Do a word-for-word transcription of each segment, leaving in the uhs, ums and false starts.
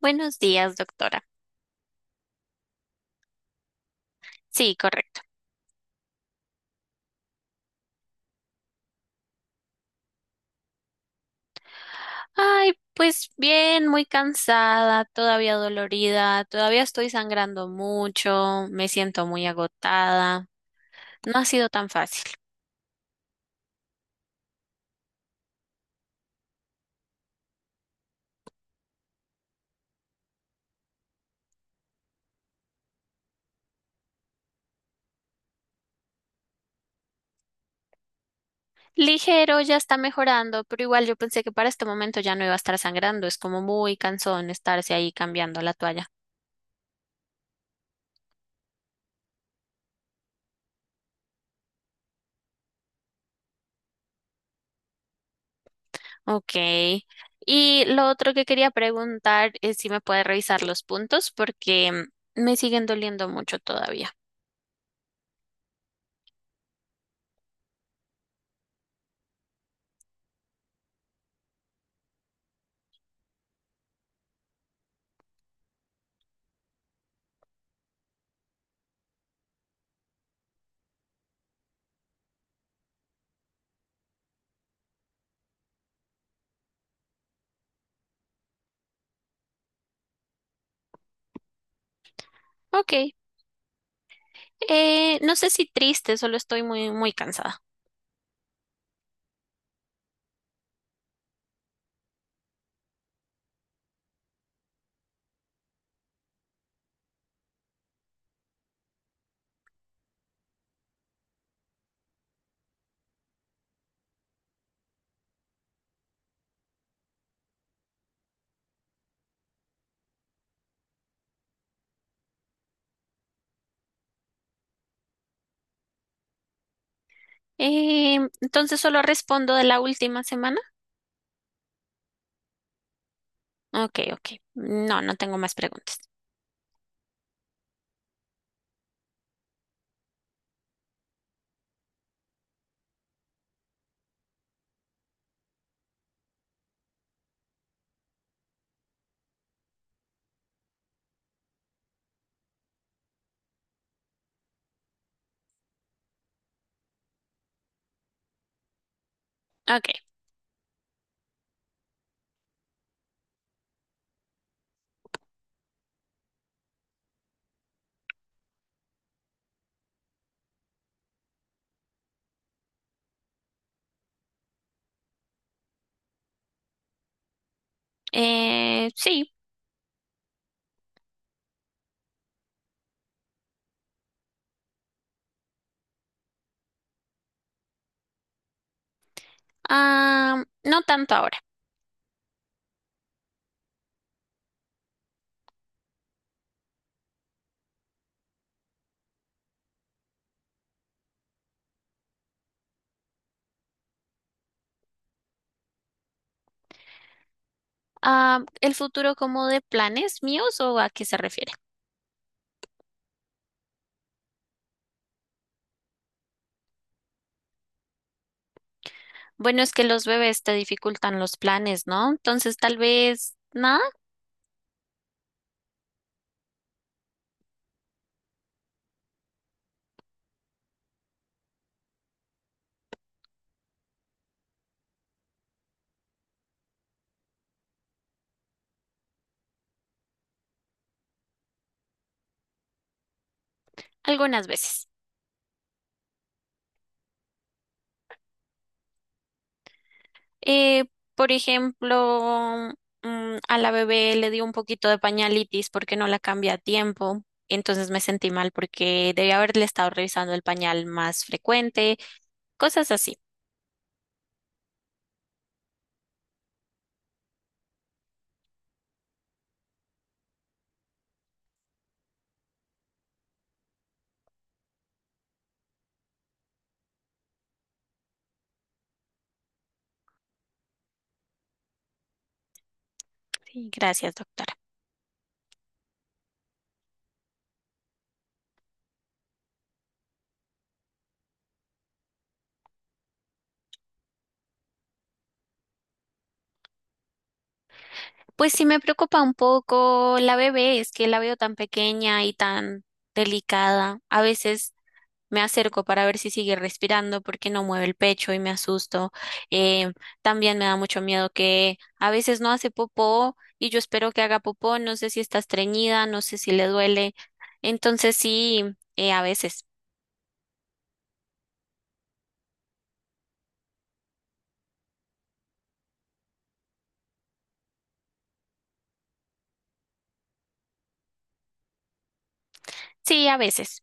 Buenos días, doctora. Sí, correcto. Ay, pues bien, muy cansada, todavía dolorida, todavía estoy sangrando mucho, me siento muy agotada. No ha sido tan fácil. Ligero, ya está mejorando, pero igual yo pensé que para este momento ya no iba a estar sangrando. Es como muy cansón estarse ahí cambiando la toalla. Ok. Y lo otro que quería preguntar es si me puede revisar los puntos porque mm, me siguen doliendo mucho todavía. Ok. Eh, no sé si triste, solo estoy muy, muy cansada. Eh, entonces solo respondo de la última semana. Ok, ok. No, no tengo más preguntas. Ok. Eh, sí. Ah, no tanto ahora. Ah, ¿el futuro como de planes míos o a qué se refiere? Bueno, es que los bebés te dificultan los planes, ¿no? Entonces tal vez, nada, algunas veces. Eh, por ejemplo, mm, a la bebé le dio un poquito de pañalitis porque no la cambié a tiempo. Entonces me sentí mal porque debía haberle estado revisando el pañal más frecuente, cosas así. Sí, gracias, doctora. Pues sí me preocupa un poco la bebé, es que la veo tan pequeña y tan delicada. A veces me acerco para ver si sigue respirando porque no mueve el pecho y me asusto. Eh, También me da mucho miedo que a veces no hace popó y yo espero que haga popó. No sé si está estreñida, no sé si le duele. Entonces sí, eh, a veces. Sí, a veces.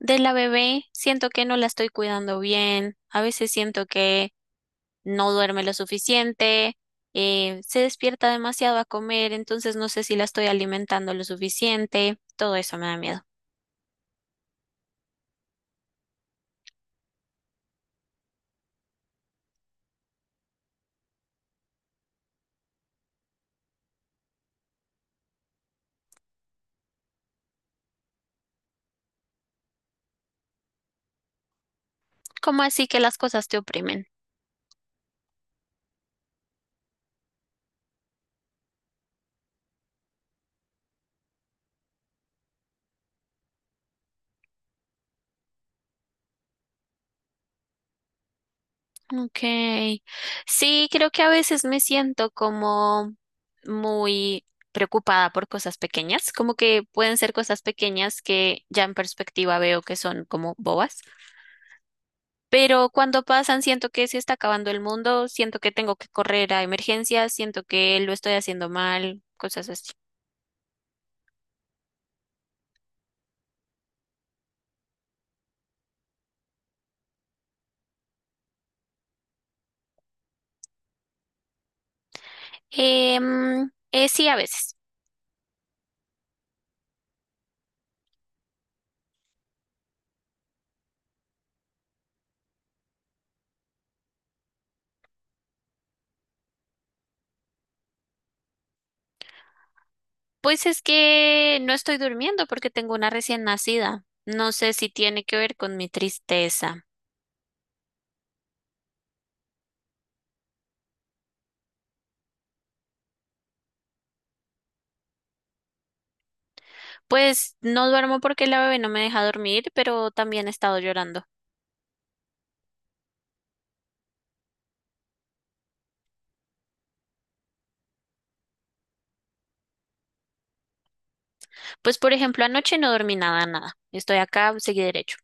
De la bebé siento que no la estoy cuidando bien. A veces siento que no duerme lo suficiente. Eh, se despierta demasiado a comer, entonces no sé si la estoy alimentando lo suficiente. Todo eso me da miedo. ¿Cómo así que las cosas te oprimen? Ok. Sí, creo que a veces me siento como muy preocupada por cosas pequeñas, como que pueden ser cosas pequeñas que ya en perspectiva veo que son como bobas, pero cuando pasan siento que se está acabando el mundo, siento que tengo que correr a emergencias, siento que lo estoy haciendo mal, cosas así. Em, eh, sí, a veces. Pues es que no estoy durmiendo porque tengo una recién nacida. No sé si tiene que ver con mi tristeza. Pues no duermo porque la bebé no me deja dormir, pero también he estado llorando. Pues por ejemplo, anoche no dormí nada, nada. Estoy acá, seguí derecho.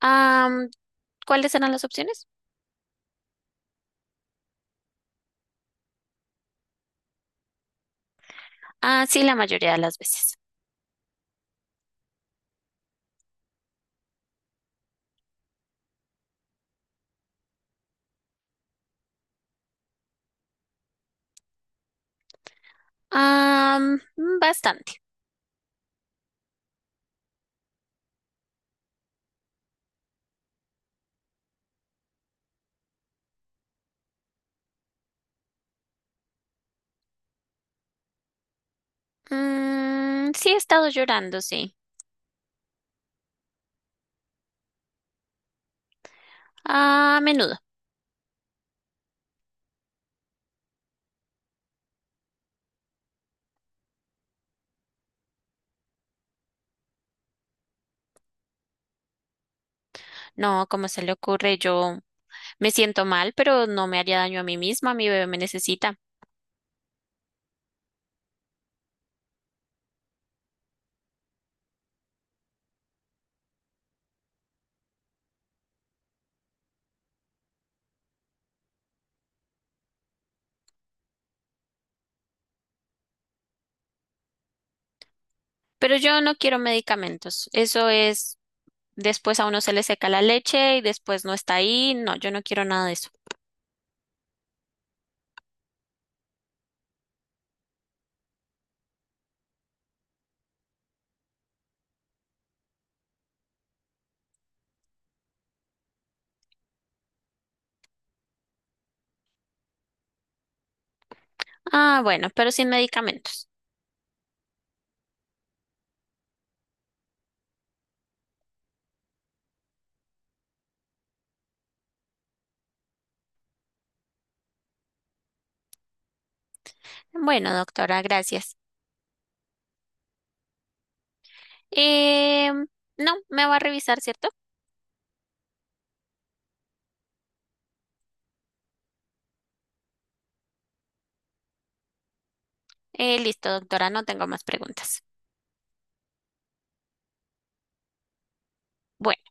Am, ¿Cuáles eran las opciones? Ah, sí, la mayoría de las veces. Am, mm, bastante. Mm, sí, he estado llorando, sí. A menudo. No, ¿cómo se le ocurre? Yo me siento mal, pero no me haría daño a mí misma, mi bebé me necesita. Pero yo no quiero medicamentos. Eso es, después a uno se le seca la leche y después no está ahí. No, yo no quiero nada de eso. Ah, bueno, pero sin medicamentos. Bueno, doctora, gracias. Eh, no, me va a revisar, ¿cierto? Eh, listo, doctora, no tengo más preguntas. Bueno.